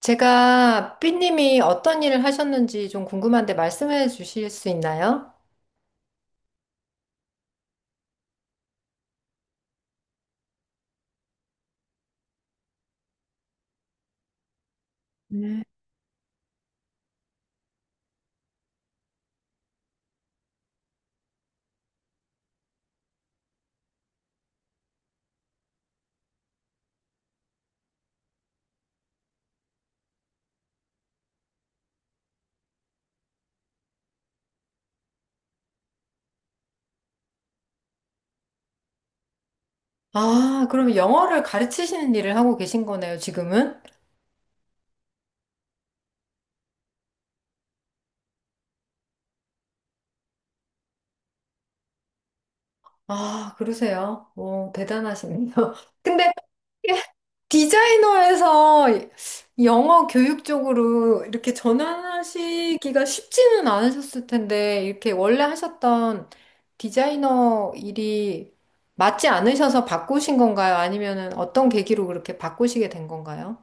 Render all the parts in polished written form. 제가 삐님이 어떤 일을 하셨는지 좀 궁금한데 말씀해 주실 수 있나요? 아, 그럼 영어를 가르치시는 일을 하고 계신 거네요, 지금은? 아, 그러세요. 오, 대단하시네요. 근데 디자이너에서 영어 교육 쪽으로 이렇게 전환하시기가 쉽지는 않으셨을 텐데, 이렇게 원래 하셨던 디자이너 일이 맞지 않으셔서 바꾸신 건가요? 아니면은 어떤 계기로 그렇게 바꾸시게 된 건가요?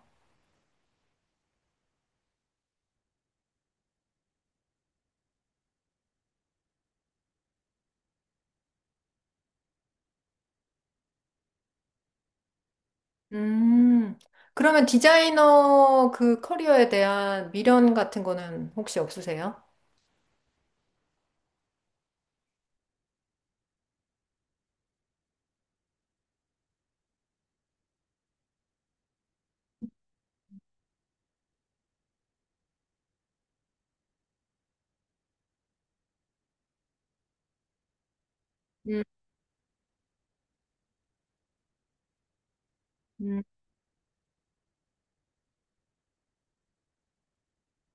음, 그러면 디자이너 그 커리어에 대한 미련 같은 거는 혹시 없으세요? 음, 음,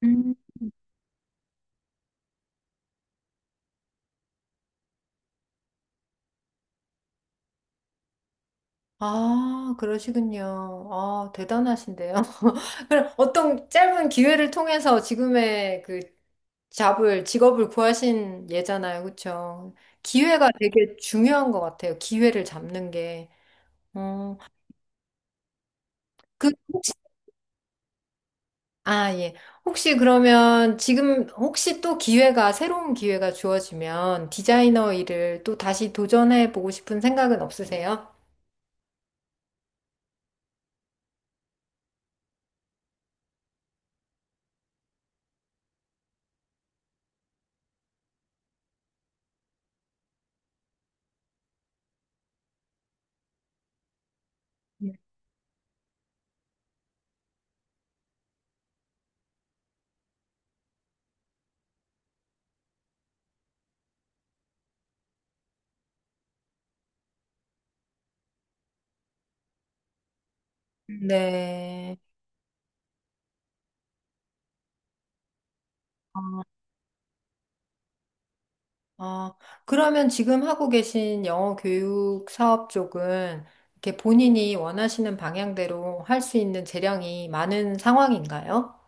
음. 아, 그러시군요. 아, 대단하신데요. 그럼 어떤 짧은 기회를 통해서 지금의 그 잡을, 직업을 구하신 예잖아요. 그쵸? 기회가 되게 중요한 것 같아요. 기회를 잡는 게. 어, 그, 아, 예. 혹시 그러면 지금 혹시 또 기회가, 새로운 기회가 주어지면 디자이너 일을 또 다시 도전해 보고 싶은 생각은 없으세요? 네. 어, 그러면 지금 하고 계신 영어 교육 사업 쪽은 이렇게 본인이 원하시는 방향대로 할 수 있는 재량이 많은 상황인가요?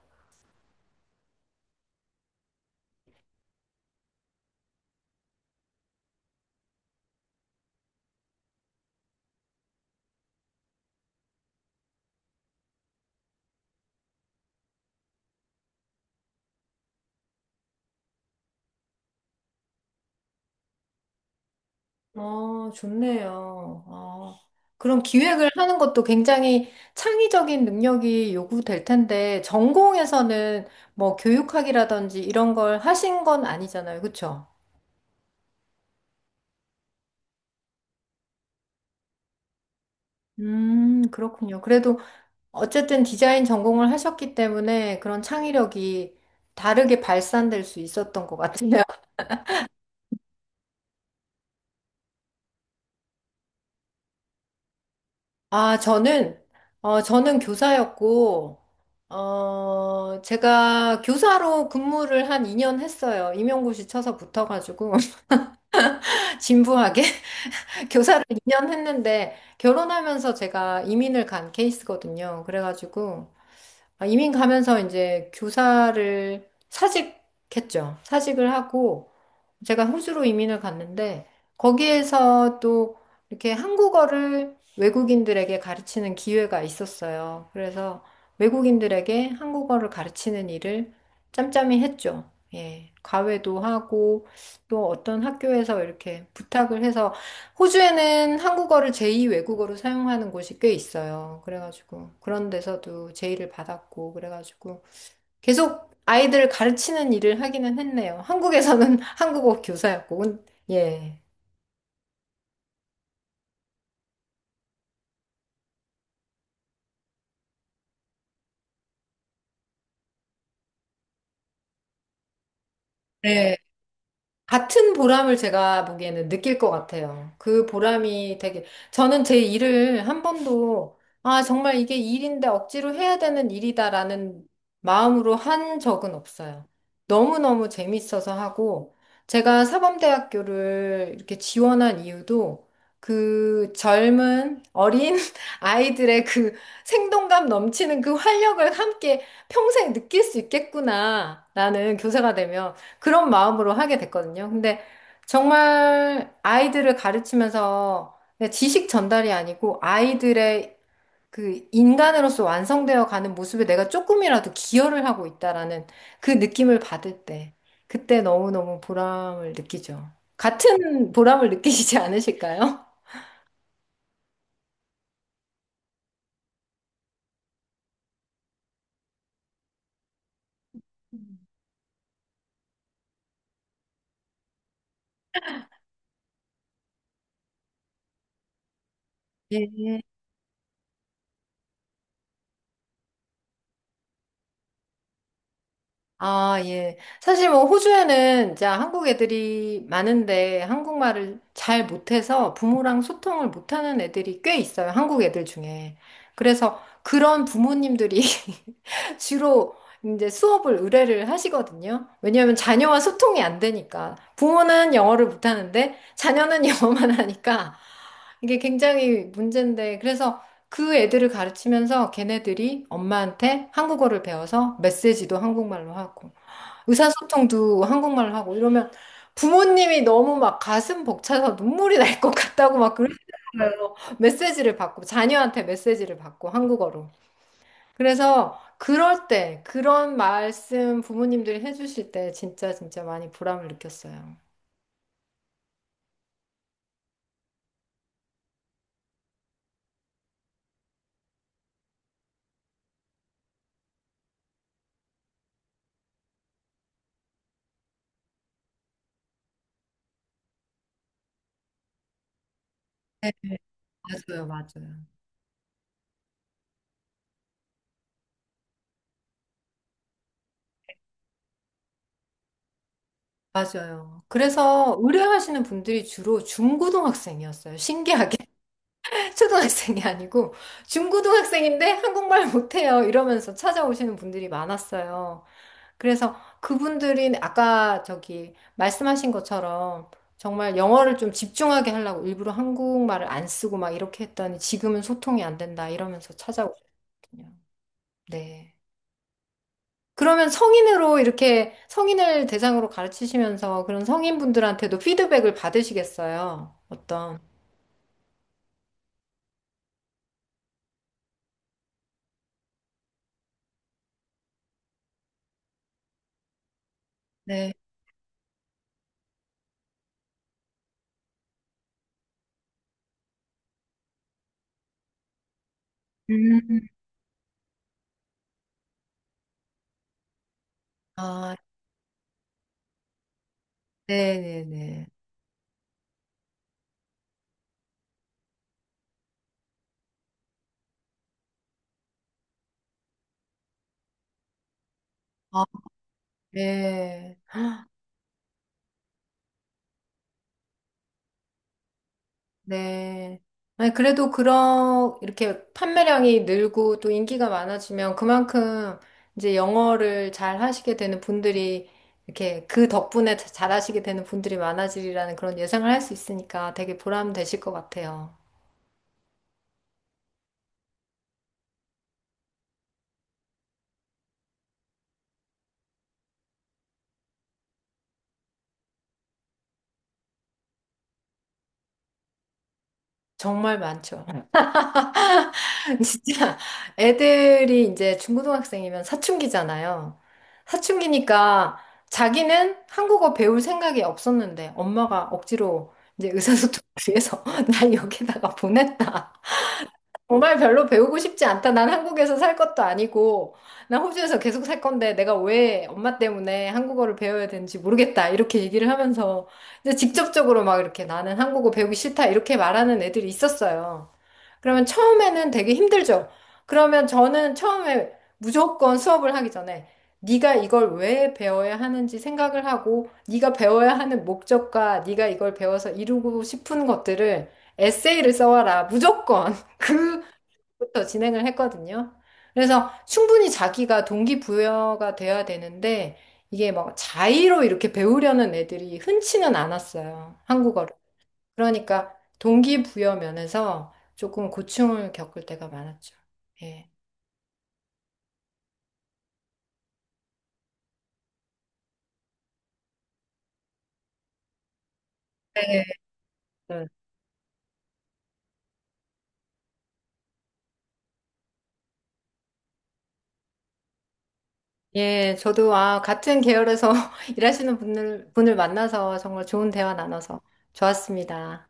어, 좋네요. 그럼 기획을 하는 것도 굉장히 창의적인 능력이 요구될 텐데, 전공에서는 뭐 교육학이라든지 이런 걸 하신 건 아니잖아요. 그쵸? 그렇군요. 그래도 어쨌든 디자인 전공을 하셨기 때문에 그런 창의력이 다르게 발산될 수 있었던 것 같아요. 아, 저는 교사였고, 제가 교사로 근무를 한 2년 했어요. 임용고시 쳐서 붙어가지고, 진부하게 교사를 2년 했는데, 결혼하면서 제가 이민을 간 케이스거든요. 그래가지고, 아, 이민 가면서 이제 교사를 사직했죠. 사직을 하고, 제가 호주로 이민을 갔는데 거기에서 또 이렇게 한국어를 외국인들에게 가르치는 기회가 있었어요. 그래서 외국인들에게 한국어를 가르치는 일을 짬짬이 했죠. 예. 과외도 하고 또 어떤 학교에서 이렇게 부탁을 해서 호주에는 한국어를 제2 외국어로 사용하는 곳이 꽤 있어요. 그래가지고 그런 데서도 제의를 받았고 그래가지고 계속 아이들을 가르치는 일을 하기는 했네요. 한국에서는 한국어 교사였고, 예. 같은 보람을 제가 보기에는 느낄 것 같아요. 그 보람이 되게, 저는 제 일을 한 번도, 아, 정말 이게 일인데 억지로 해야 되는 일이다라는 마음으로 한 적은 없어요. 너무너무 재밌어서 하고, 제가 사범대학교를 이렇게 지원한 이유도 그 젊은 어린 아이들의 그 생동감 넘치는 그 활력을 함께 평생 느낄 수 있겠구나. 나는 교사가 되면. 그런 마음으로 하게 됐거든요. 근데 정말 아이들을 가르치면서 그냥 지식 전달이 아니고 아이들의 그 인간으로서 완성되어 가는 모습에 내가 조금이라도 기여를 하고 있다라는 그 느낌을 받을 때, 그때 너무너무 보람을 느끼죠. 같은 보람을 느끼시지 않으실까요? 아, 예. 사실 뭐 호주에는 이제 한국 애들이 많은데 한국말을 잘 못해서 부모랑 소통을 못하는 애들이 꽤 있어요. 한국 애들 중에. 그래서 그런 부모님들이 주로 이제 수업을 의뢰를 하시거든요. 왜냐하면 자녀와 소통이 안 되니까. 부모는 영어를 못하는데 자녀는 영어만 하니까 이게 굉장히 문제인데. 그래서 그 애들을 가르치면서 걔네들이 엄마한테 한국어를 배워서 메시지도 한국말로 하고 의사소통도 한국말로 하고 이러면 부모님이 너무 막 가슴 벅차서 눈물이 날 것 같다고 막 그러시더라고요. 메시지를 받고 자녀한테 메시지를 받고 한국어로. 그래서 그럴 때 그런 말씀 부모님들이 해주실 때 진짜 진짜 많이 보람을 느꼈어요. 네, 맞아요, 맞아요. 맞아요. 그래서 의뢰하시는 분들이 주로 중고등학생이었어요. 신기하게. 초등학생이 아니고 중고등학생인데 한국말 못해요. 이러면서 찾아오시는 분들이 많았어요. 그래서 그분들이 아까 저기 말씀하신 것처럼 정말 영어를 좀 집중하게 하려고 일부러 한국말을 안 쓰고 막 이렇게 했더니 지금은 소통이 안 된다 이러면서 찾아오셨거든요. 네. 그러면 성인으로 이렇게 성인을 대상으로 가르치시면서 그런 성인분들한테도 피드백을 받으시겠어요? 어떤? 네. 음. 아, 네네네. 아, 네. 헉, 네. 아니, 그래도 그런, 이렇게 판매량이 늘고 또 인기가 많아지면 그만큼 이제 영어를 잘 하시게 되는 분들이 이렇게 그 덕분에 잘 하시게 되는 분들이 많아지리라는 그런 예상을 할 수 있으니까 되게 보람 되실 것 같아요. 정말 많죠. 진짜 애들이 이제 중고등학생이면 사춘기잖아요. 사춘기니까 자기는 한국어 배울 생각이 없었는데 엄마가 억지로 이제 의사소통을 위해서 날 여기다가 보냈다. 정말 별로 배우고 싶지 않다. 난 한국에서 살 것도 아니고, 난 호주에서 계속 살 건데, 내가 왜 엄마 때문에 한국어를 배워야 되는지 모르겠다. 이렇게 얘기를 하면서, 이제 직접적으로 막 이렇게 나는 한국어 배우기 싫다. 이렇게 말하는 애들이 있었어요. 그러면 처음에는 되게 힘들죠. 그러면 저는 처음에 무조건 수업을 하기 전에 네가 이걸 왜 배워야 하는지 생각을 하고 네가 배워야 하는 목적과 네가 이걸 배워서 이루고 싶은 것들을 에세이를 써와라. 무조건 그 부터 진행을 했거든요. 그래서 충분히 자기가 동기부여가 돼야 되는데 이게 막 자의로 이렇게 배우려는 애들이 흔치는 않았어요. 한국어를. 그러니까 동기부여 면에서 조금 고충을 겪을 때가 많았죠. 예. 네. 네. 예, 저도 아, 같은 계열에서 일하시는 분을 만나서 정말 좋은 대화 나눠서 좋았습니다.